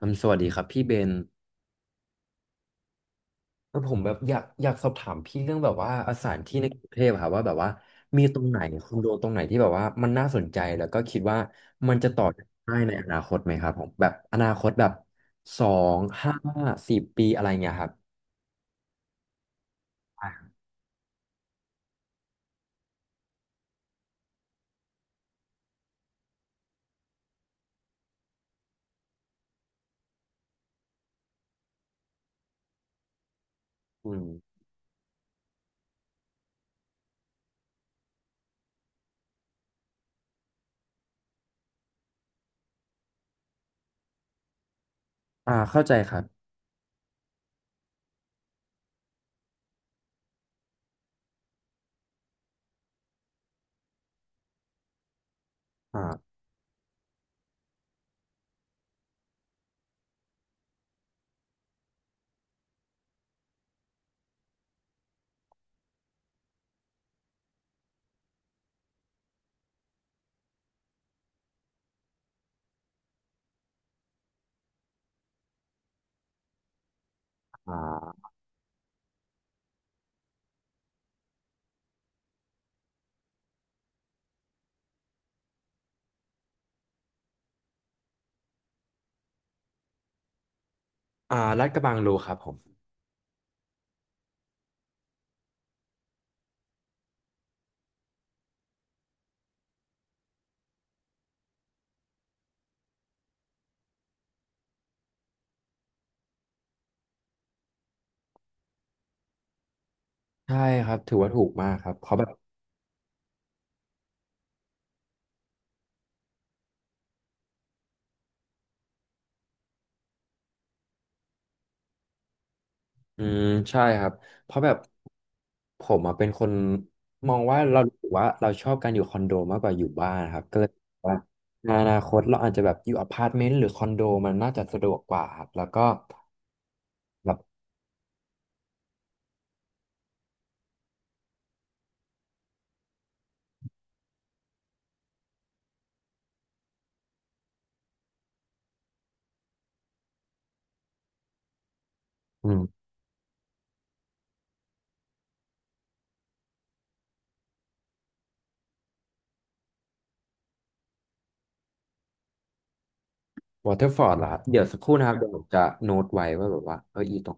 สวัสดีครับพี่เบนผมแบบอยากสอบถามพี่เรื่องแบบว่าสถานที่ในกรุงเทพอะครับว่าแบบว่ามีตรงไหนคอนโดตรงไหนที่แบบว่ามันน่าสนใจแล้วก็คิดว่ามันจะต่อยอดได้ในอนาคตไหมครับผมแบบอนาคตแบบสองห้าสี่ปีอะไรเงี้ยครับอ่าอืมเข้าใจครับ อ่าอ่าลาดกระบังรู้ครับผม ใช่ครับถือว่าถูกมากครับเขาแบบ อืมใช่ครับเพราะแบบผมอะเป็นคนมองว่าเรารู้สึกว่าเราชอบการอยู่คอนโดมากกว่าอยู่บ้านครับก็เลยว่าในอนาคตเราอาจจะแบบอยู่อพาร์ตเมนต์หรือคอนโดมันน่าจะสะดวกกว่าครับแล้วก็แบบอืมวอเตอร์ฟอร์ดล่ะครับเดี๋ยวสักครู่นะครับเดี๋ยวผมจะโน้ตไว้ว่าแบบว่าอีตรง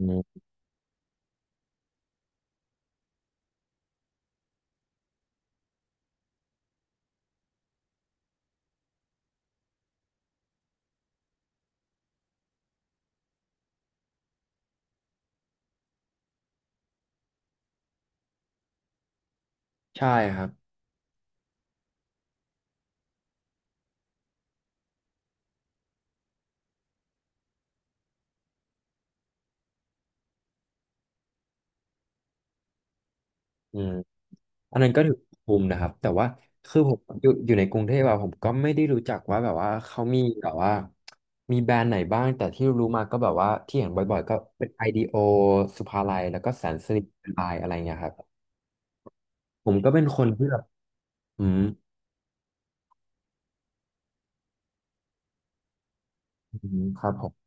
นี้ใช่ครับอืม อันนั้นก็ถือภูมินะครับแต่ว่าคือผมอยู่ในกรุงเทพอะผมก็ไม่ได้รู้จักว่าแบบว่าเขามีแบบว่ามีแบรนด์ไหนบ้างแต่ที่รู้มาก็แบบว่าที่เห็นบ่อยๆก็เป็นไอดีโอสุภาลัยแล้วก็แสนสิริไลน์อะไรเงี้ยครับผมก็เป็นคนที่แบบอืมอืมครับผม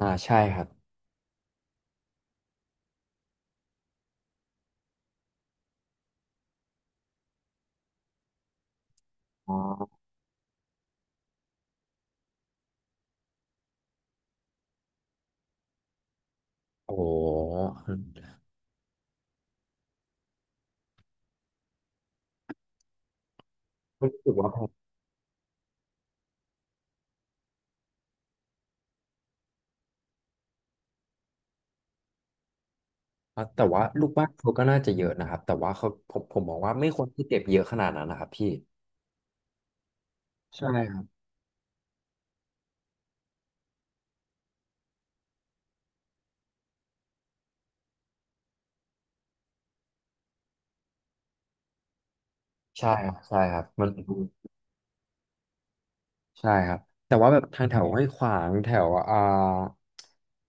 ใช่ครับอ๋อโอ้โหรู้สึกว่าแพงอ่ะแต่ว่าลูกบ้านเขาก็น่าจะเยอะนะครับแต่ว่าเขาผมมองว่าไม่ควรที่เก็บเยอะขนาดนั้นนะครับพี่ใช่ครับใช่ครับใช่ครับมัน ใช่ครับแต่ว่าแบบทางแถวห้วยขวางแถว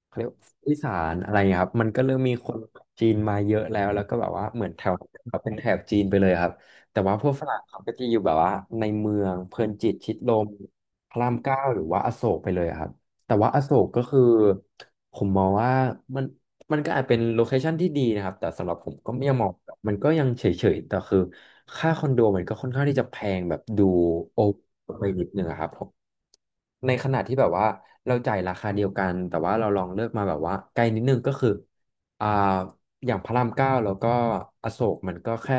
เขาเรียกว่าอีสานอะไรเงี้ยครับมันก็เริ่มมีคนจีนมาเยอะแล้วแล้วก็แบบว่าเหมือนแถวนั้นเเป็นแถบจีนไปเลยครับแต่ว่าพวกฝรั่งเขาก็จะอยู่แบบว่าในเมืองเพลินจิตชิดลมพระรามเก้าหรือว่าอโศกไปเลยครับแต่ว่าอโศกก็คือผมมองว่ามันมันก็อาจเป็นโลเคชันที่ดีนะครับแต่สำหรับผมก็ยังมองแบบมันก็ยังเฉยๆแต่คือ ค่าคอนโดมันก็ค่อนข้างที่จะแพงแบบดูโอไปนิดนึงอะครับผมในขณะที่แบบว่าเราจ่ายราคาเดียวกันแต่ว่าเราลองเลือกมาแบบว่าไกลนิดนึงก็คืออ่าอย่างพระรามเก้าแล้วก็อโศกมันก็แค่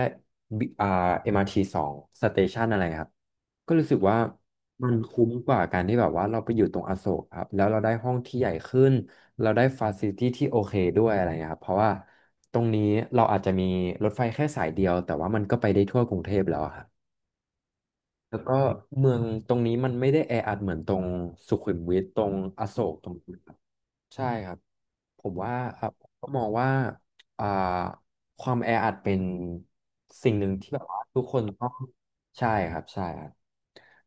บิเอ็มอาร์ทีสองสเตชันอะไรครับ ก็รู้สึกว่ามันคุ้มกว่าการที่แบบว่าเราไปอยู่ตรงอโศกครับแล้วเราได้ห้องที่ใหญ่ขึ้นเราได้ฟาซิลิตี้ที่โอเคด้วยอะไรเงี้ยครับเพราะว่าตรงนี้เราอาจจะมีรถไฟแค่สายเดียวแต่ว่ามันก็ไปได้ทั่วกรุงเทพแล้วอะครับแล้วก็เมืองตรงนี้มันไม่ได้แออัดเหมือนตรงสุขุมวิทตรงอโศกตรง ใช่ครับผมว่าอ่ะผมก็มองว่าอ่าความแออัดเป็นสิ่งหนึ่งที่แบบว่าทุกคนต้องใช่ครับใช่ครับ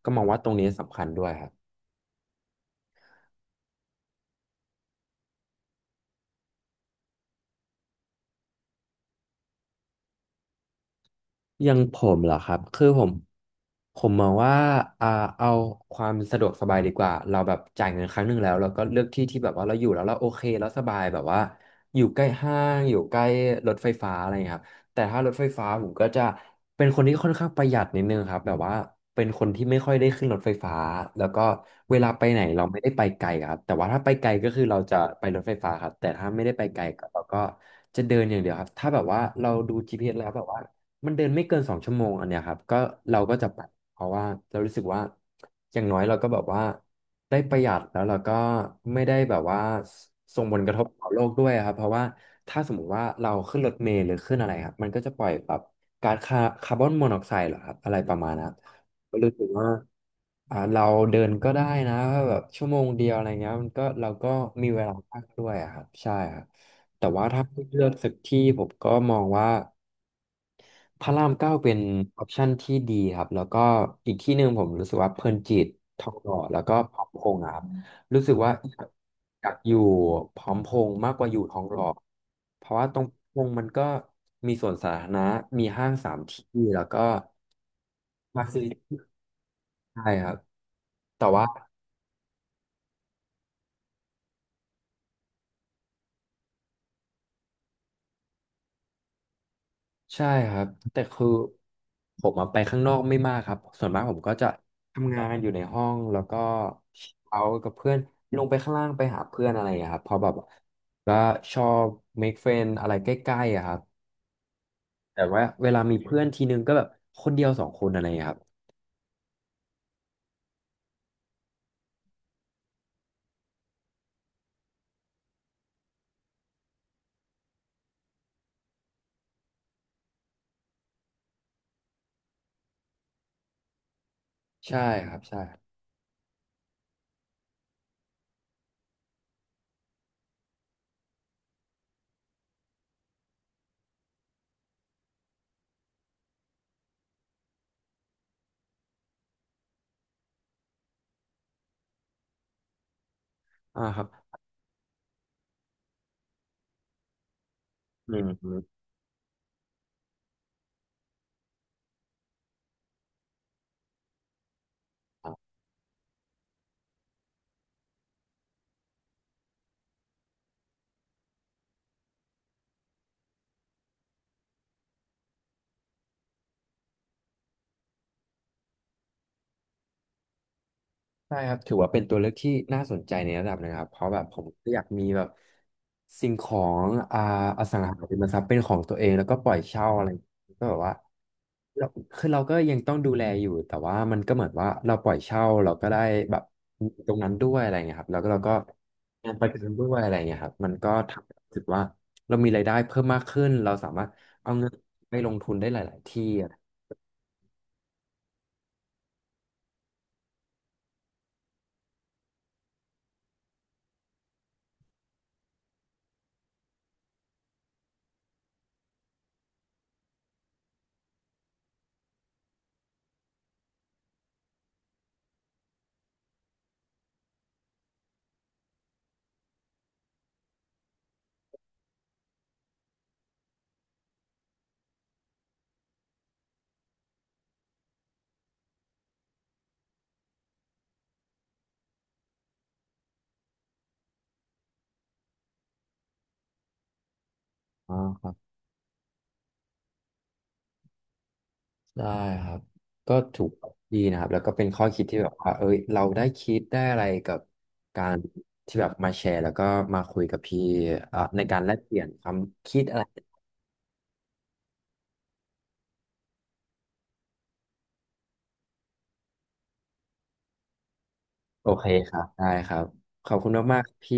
ก็มองว่าตรงนี้สำคัญด้วยครับ อยังผมเหรอครับคือผม ผมมองว่าอ่า เอาความสะดวกสบายดีกว่าเราแบบจ่ายเงินครั้งหนึ่งแล้วเราก็เลือกที่ที่แบบว่าเราอยู่แล้วเราโอเคแล้วสบายแบบว่าอยู่ใกล้ห้างอยู่ใกล้รถไฟฟ้าอะไรอย่างเงี้ยครับแต่ถ้ารถไฟฟ้าผมก็จะเป็นคนที่ค่อนข้างประหยัดนิดนึงครับแบบว่าเป็นคนที่ไม่ค่อยได้ขึ้นรถไฟฟ้าแล้วก็เวลาไปไหนเราไม่ได้ไปไกลครับแต่ว่าถ้าไปไกลก็คือเราจะไปรถไฟฟ้าครับแต่ถ้าไม่ได้ไปไกลก็เราก็จะเดินอย่างเดียวครับ ถ้าแบบว่าเราดู GPS แล้วแบบว่า มันเดินไม่เกินสองชั่วโมงอันเนี้ยครับก็เราก็จะไปเพราะว่าเรารู้สึกว่าอย่างน้อยเราก็แบบว่าได้ประหยัดแล้วเราก็ไม่ได้แบบว่าส่งผลกระทบต่อโลกด้วยครับเพราะว่าถ้าสมมุติว่าเราขึ้นรถเมล์หรือขึ้นอะไรครับมันก็จะปล่อยแบบก๊าซคาร์บอนมอนอกไซด์เหรอครับอะไรประมาณนั้นก็รู้สึกว่าเราเดินก็ได้นะแบบชั่วโมงเดียวอะไรเงี้ยมันก็เราก็มีเวลามากด้วยอะครับใช่ครับแต่ว่าถ้าให้เลือกสักที่ผมก็มองว่า พระรามเก้าเป็นออปชันที่ดีครับแล้วก็อีกที่หนึ่งผมรู้สึกว่าเพลินจิตทองหล่อแล้วก็พร้อมพงษ์อะครับรู้สึกว่าอยากอยู่พร้อมพงษ์มากกว่าอยู่ทองหล่อเพราะว่าตรงพงษ์มันก็มีสวนสาธารณะมีห้างสามที่แล้วก็มาซื้อไครับแต่ว่า ใช่ครับแต่คือผมอะไปข้างนอกไม่มากครับส่วนมากผมก็จะทำงานอยู่ในห้องแล้วก็เอากับเพื่อนลงไปข้างล่างไปหาเพื่อนอะไรอย่างเงี้ยครับเพราะแบบก็ชอบ make friend อะไรใกล้ๆอะครับแต่ว่าเวลามีเพื่อนทีนึงก็แบบคนเดียวสองคนอะไรอย่างเงี้ยครับใช่ครับใช่ครับอ่าครับอืม ใช่ครับถือว่าเป็นตัวเลือกที่น่าสนใจในระดับหนะครับเพราะแบบผมก็อยากมีแบบสิ่งของอสังหาริมทรัพย์เป็นของตัวเองแล้วก็ปล่อยเช่าอะไรอย่างเงี้ยก็แบบว่าเราคือเราก็ยังต้องดูแลอยู่แต่ว่ามันก็เหมือนว่าเราปล่อยเช่าเราก็ได้แบบตรงนั้นด้วยอะไรเงี้ยครับแล้วก็เราก็งานประกันด้วยอะไรเงี้ยครับมันก็ทำให้รู้สึกว่าเรามีรายได้เพิ่มมากขึ้นเราสามารถเอาเงินไปลงทุนได้หลายๆที่อะไรอย่างเงี้ยอ๋อครับ ได้ครับก็ถูกดีนะครับแล้วก็เป็นข้อคิดที่แบบว่าเอ้ยเราได้คิดได้อะไรกับการที่แบบมาแชร์แล้วก็มาคุยกับพี่อ่ะในการแลกเปลี่ยนความคิดอะไรโอเคครับได้ครับขอบคุณมากๆครับพี่